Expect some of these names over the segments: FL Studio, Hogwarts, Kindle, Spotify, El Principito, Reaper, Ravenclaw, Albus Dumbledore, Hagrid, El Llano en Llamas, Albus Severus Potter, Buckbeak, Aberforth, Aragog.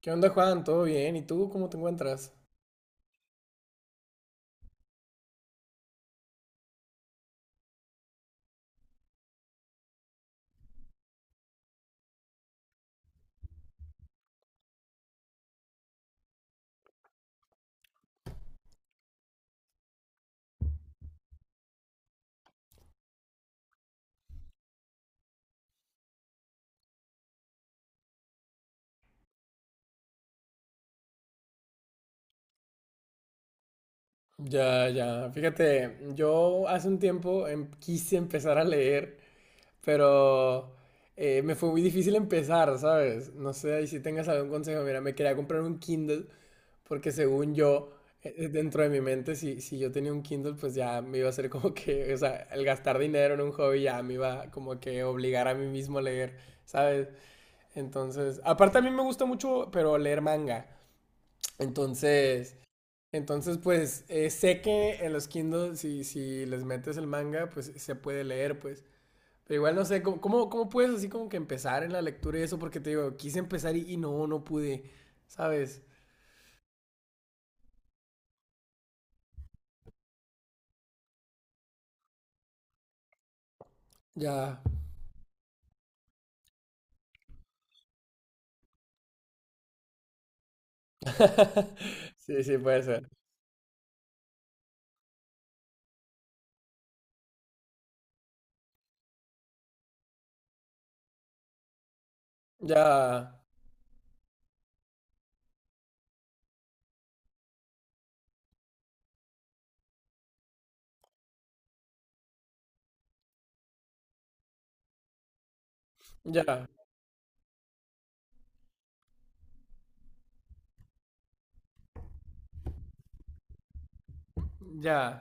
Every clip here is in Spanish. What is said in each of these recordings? ¿Qué onda, Juan? ¿Todo bien? ¿Y tú cómo te encuentras? Ya, ya. Fíjate, yo hace un tiempo quise empezar a leer, pero me fue muy difícil empezar, ¿sabes? No sé ahí si tengas algún consejo. Mira, me quería comprar un Kindle porque según yo, dentro de mi mente, si yo tenía un Kindle, pues ya me iba a ser como que, o sea, el gastar dinero en un hobby ya me iba como que obligar a mí mismo a leer, ¿sabes? Entonces, aparte a mí me gusta mucho, pero leer manga. Entonces... Entonces, pues sé que en los Kindle, si les metes el manga, pues se puede leer, pues. Pero igual no sé, ¿cómo puedes así como que empezar en la lectura y eso? Porque te digo, quise empezar y no pude, ¿sabes? Ya. Sí, sí, puede ser. Ya, ya, ya.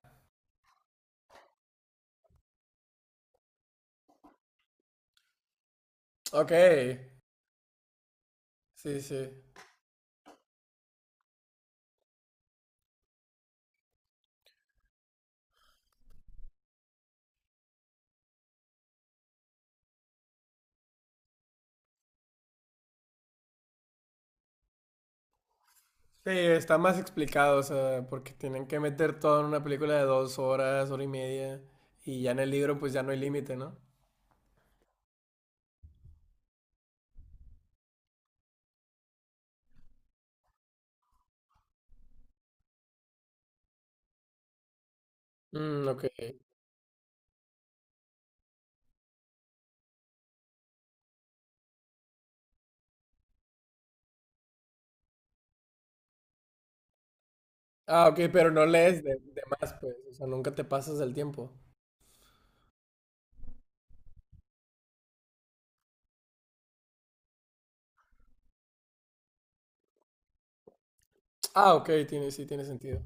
Ok, sí, sí. Sí, está más explicado, o sea, porque tienen que meter todo en una película de dos horas, hora y media, y ya en el libro pues ya no hay límite, ¿no? Mm, ok. Ah, ok, pero no lees de más, pues. O sea, nunca te pasas del tiempo. Ah, ok, tiene, sí, tiene sentido.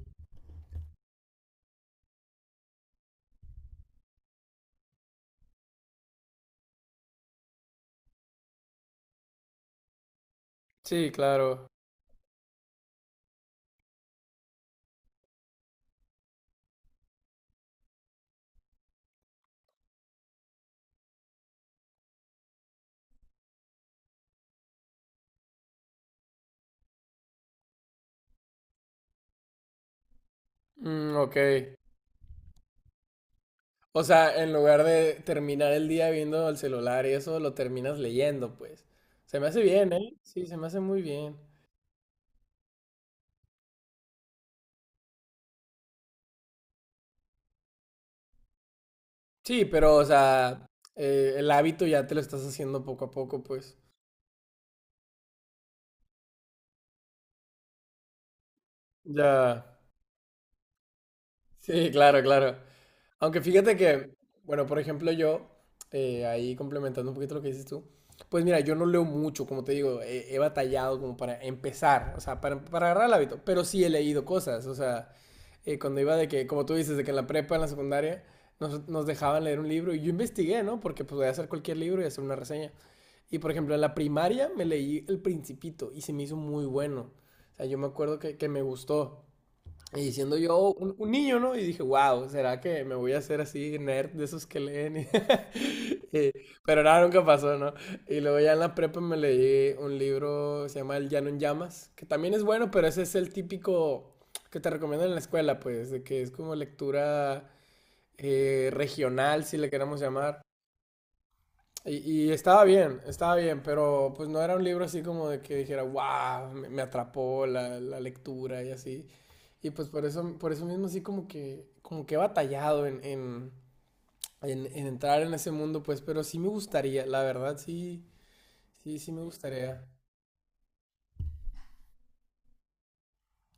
Sí, claro. Mm, ok. O sea, en lugar de terminar el día viendo el celular y eso, lo terminas leyendo, pues. Se me hace bien, ¿eh? Sí, se me hace muy bien. Sí, pero, o sea, el hábito ya te lo estás haciendo poco a poco, pues. Ya. Sí, claro, claro. Aunque fíjate que, bueno, por ejemplo, yo, ahí complementando un poquito lo que dices tú, pues mira, yo no leo mucho, como te digo, he batallado como para empezar, o sea, para agarrar el hábito, pero sí he leído cosas, o sea, cuando iba de que, como tú dices, de que en la prepa, en la secundaria, nos dejaban leer un libro y yo investigué, ¿no? Porque pues voy a hacer cualquier libro y hacer una reseña. Y por ejemplo, en la primaria me leí El Principito y se me hizo muy bueno. O sea, yo me acuerdo que me gustó. Y siendo yo un niño, ¿no? Y dije, wow, ¿será que me voy a hacer así nerd de esos que leen? Y- pero nada, nunca pasó, ¿no? Y luego ya en la prepa me leí un libro, se llama El Llano en Llamas, que también es bueno, pero ese es el típico que te recomiendan en la escuela, pues, de que es como lectura regional, si le queremos llamar. Y estaba bien, pero pues no era un libro así como de que dijera, wow, me atrapó la lectura y así. Y pues por eso mismo así como que he batallado en entrar en ese mundo, pues, pero sí me gustaría, la verdad, sí, sí, sí me gustaría.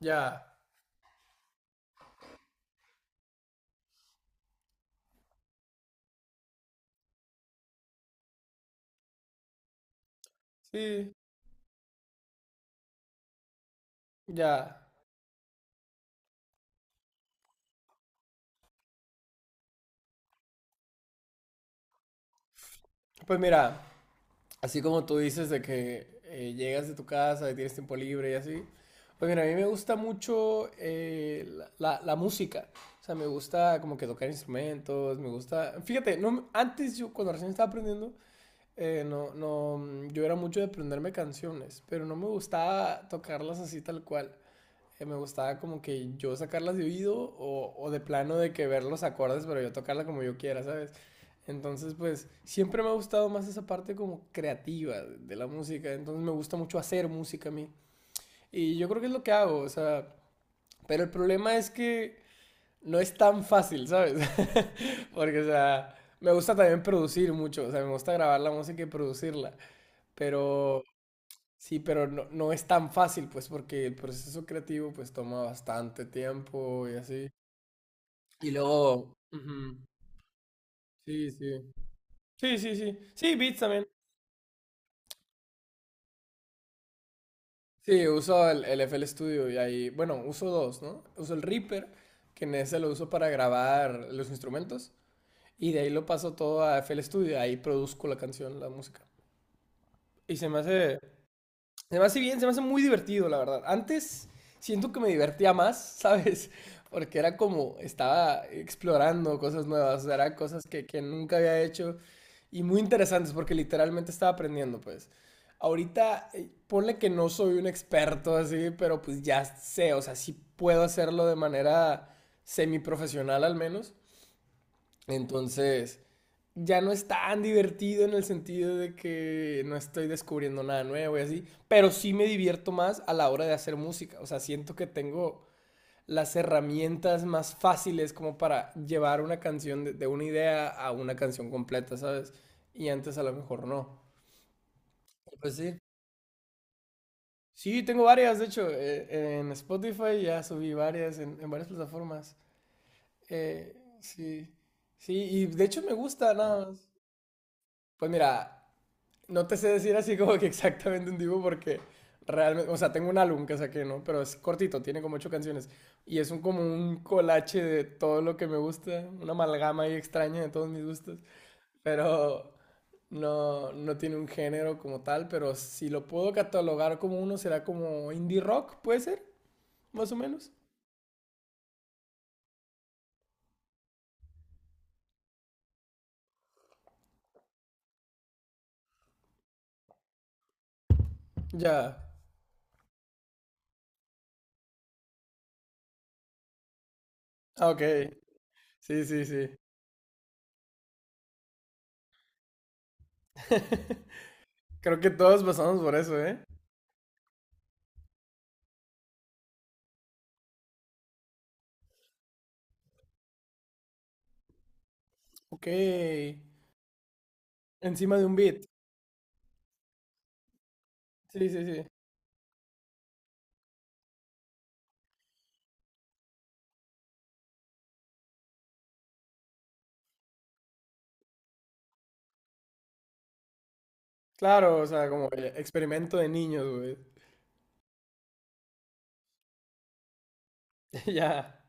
Ya, sí, ya. Pues mira, así como tú dices de que llegas de tu casa y tienes tiempo libre y así. Pues mira, a mí me gusta mucho la música. O sea, me gusta como que tocar instrumentos, me gusta... Fíjate, no, antes yo cuando recién estaba aprendiendo, no, no, mm, yo era mucho de aprenderme canciones, pero no me gustaba tocarlas así tal cual me gustaba como que yo sacarlas de oído o de plano de que ver los acordes, pero yo tocarla como yo quiera, ¿sabes? Entonces, pues siempre me ha gustado más esa parte como creativa de la música. Entonces me gusta mucho hacer música a mí. Y yo creo que es lo que hago, o sea, pero el problema es que no es tan fácil, ¿sabes? Porque, o sea, me gusta también producir mucho, o sea, me gusta grabar la música y producirla. Pero sí, pero no es tan fácil, pues, porque el proceso creativo, pues, toma bastante tiempo y así. Y luego... ujú, sí, sí. Sí, sí, sí. Sí, Beats también. Sí, uso el FL Studio y ahí... Bueno, uso dos, ¿no? Uso el Reaper, que en ese lo uso para grabar los instrumentos. Y de ahí lo paso todo a FL Studio. Ahí produzco la canción, la música. Y se me hace... Se me hace bien, se me hace muy divertido, la verdad. Antes siento que me divertía más, ¿sabes? Porque era como, estaba explorando cosas nuevas, o sea, eran cosas que nunca había hecho y muy interesantes porque literalmente estaba aprendiendo, pues. Ahorita, ponle que no soy un experto así, pero pues ya sé, o sea, sí puedo hacerlo de manera semiprofesional al menos. Entonces, ya no es tan divertido en el sentido de que no estoy descubriendo nada nuevo y así, pero sí me divierto más a la hora de hacer música. O sea, siento que tengo las herramientas más fáciles como para llevar una canción de una idea a una canción completa, ¿sabes? Y antes a lo mejor no. Pues sí. Sí, tengo varias, de hecho, en Spotify ya subí varias, en varias plataformas. Eh, sí, sí, y de hecho me gusta nada más. Pues mira, no te sé decir así como que exactamente un tipo porque realmente, o sea, tengo un álbum que saqué, ¿no? Pero es cortito, tiene como ocho canciones. Y es un, como un colache de todo lo que me gusta, una amalgama ahí extraña de todos mis gustos. Pero no, no tiene un género como tal, pero si lo puedo catalogar como uno, será como indie rock, puede ser, más o menos. Ya. Ah, ok. Sí, sí, sí. Creo que todos pasamos por eso, ¿eh? Ok. Encima de un beat. Sí, sí, sí. Claro, o sea, como el experimento de niños, güey. Ya.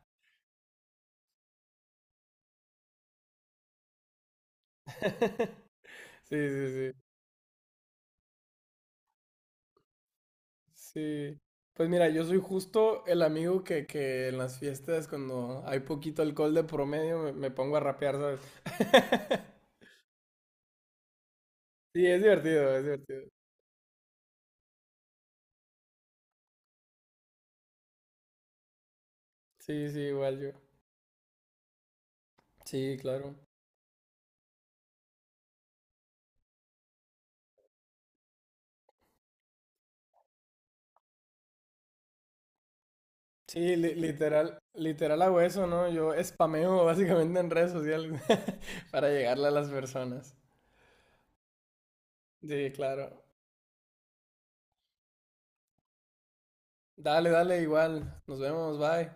Sí, sí, sí. Sí. Pues mira, yo soy justo el amigo que en las fiestas, cuando hay poquito alcohol de promedio, me pongo a rapear, ¿sabes? Sí, es divertido, es divertido. Sí, sí, igual yo. Sí, claro. Sí, literal, literal hago eso, ¿no? Yo spameo básicamente en redes sociales para llegarle a las personas. Sí, claro. Dale, dale, igual. Nos vemos, bye.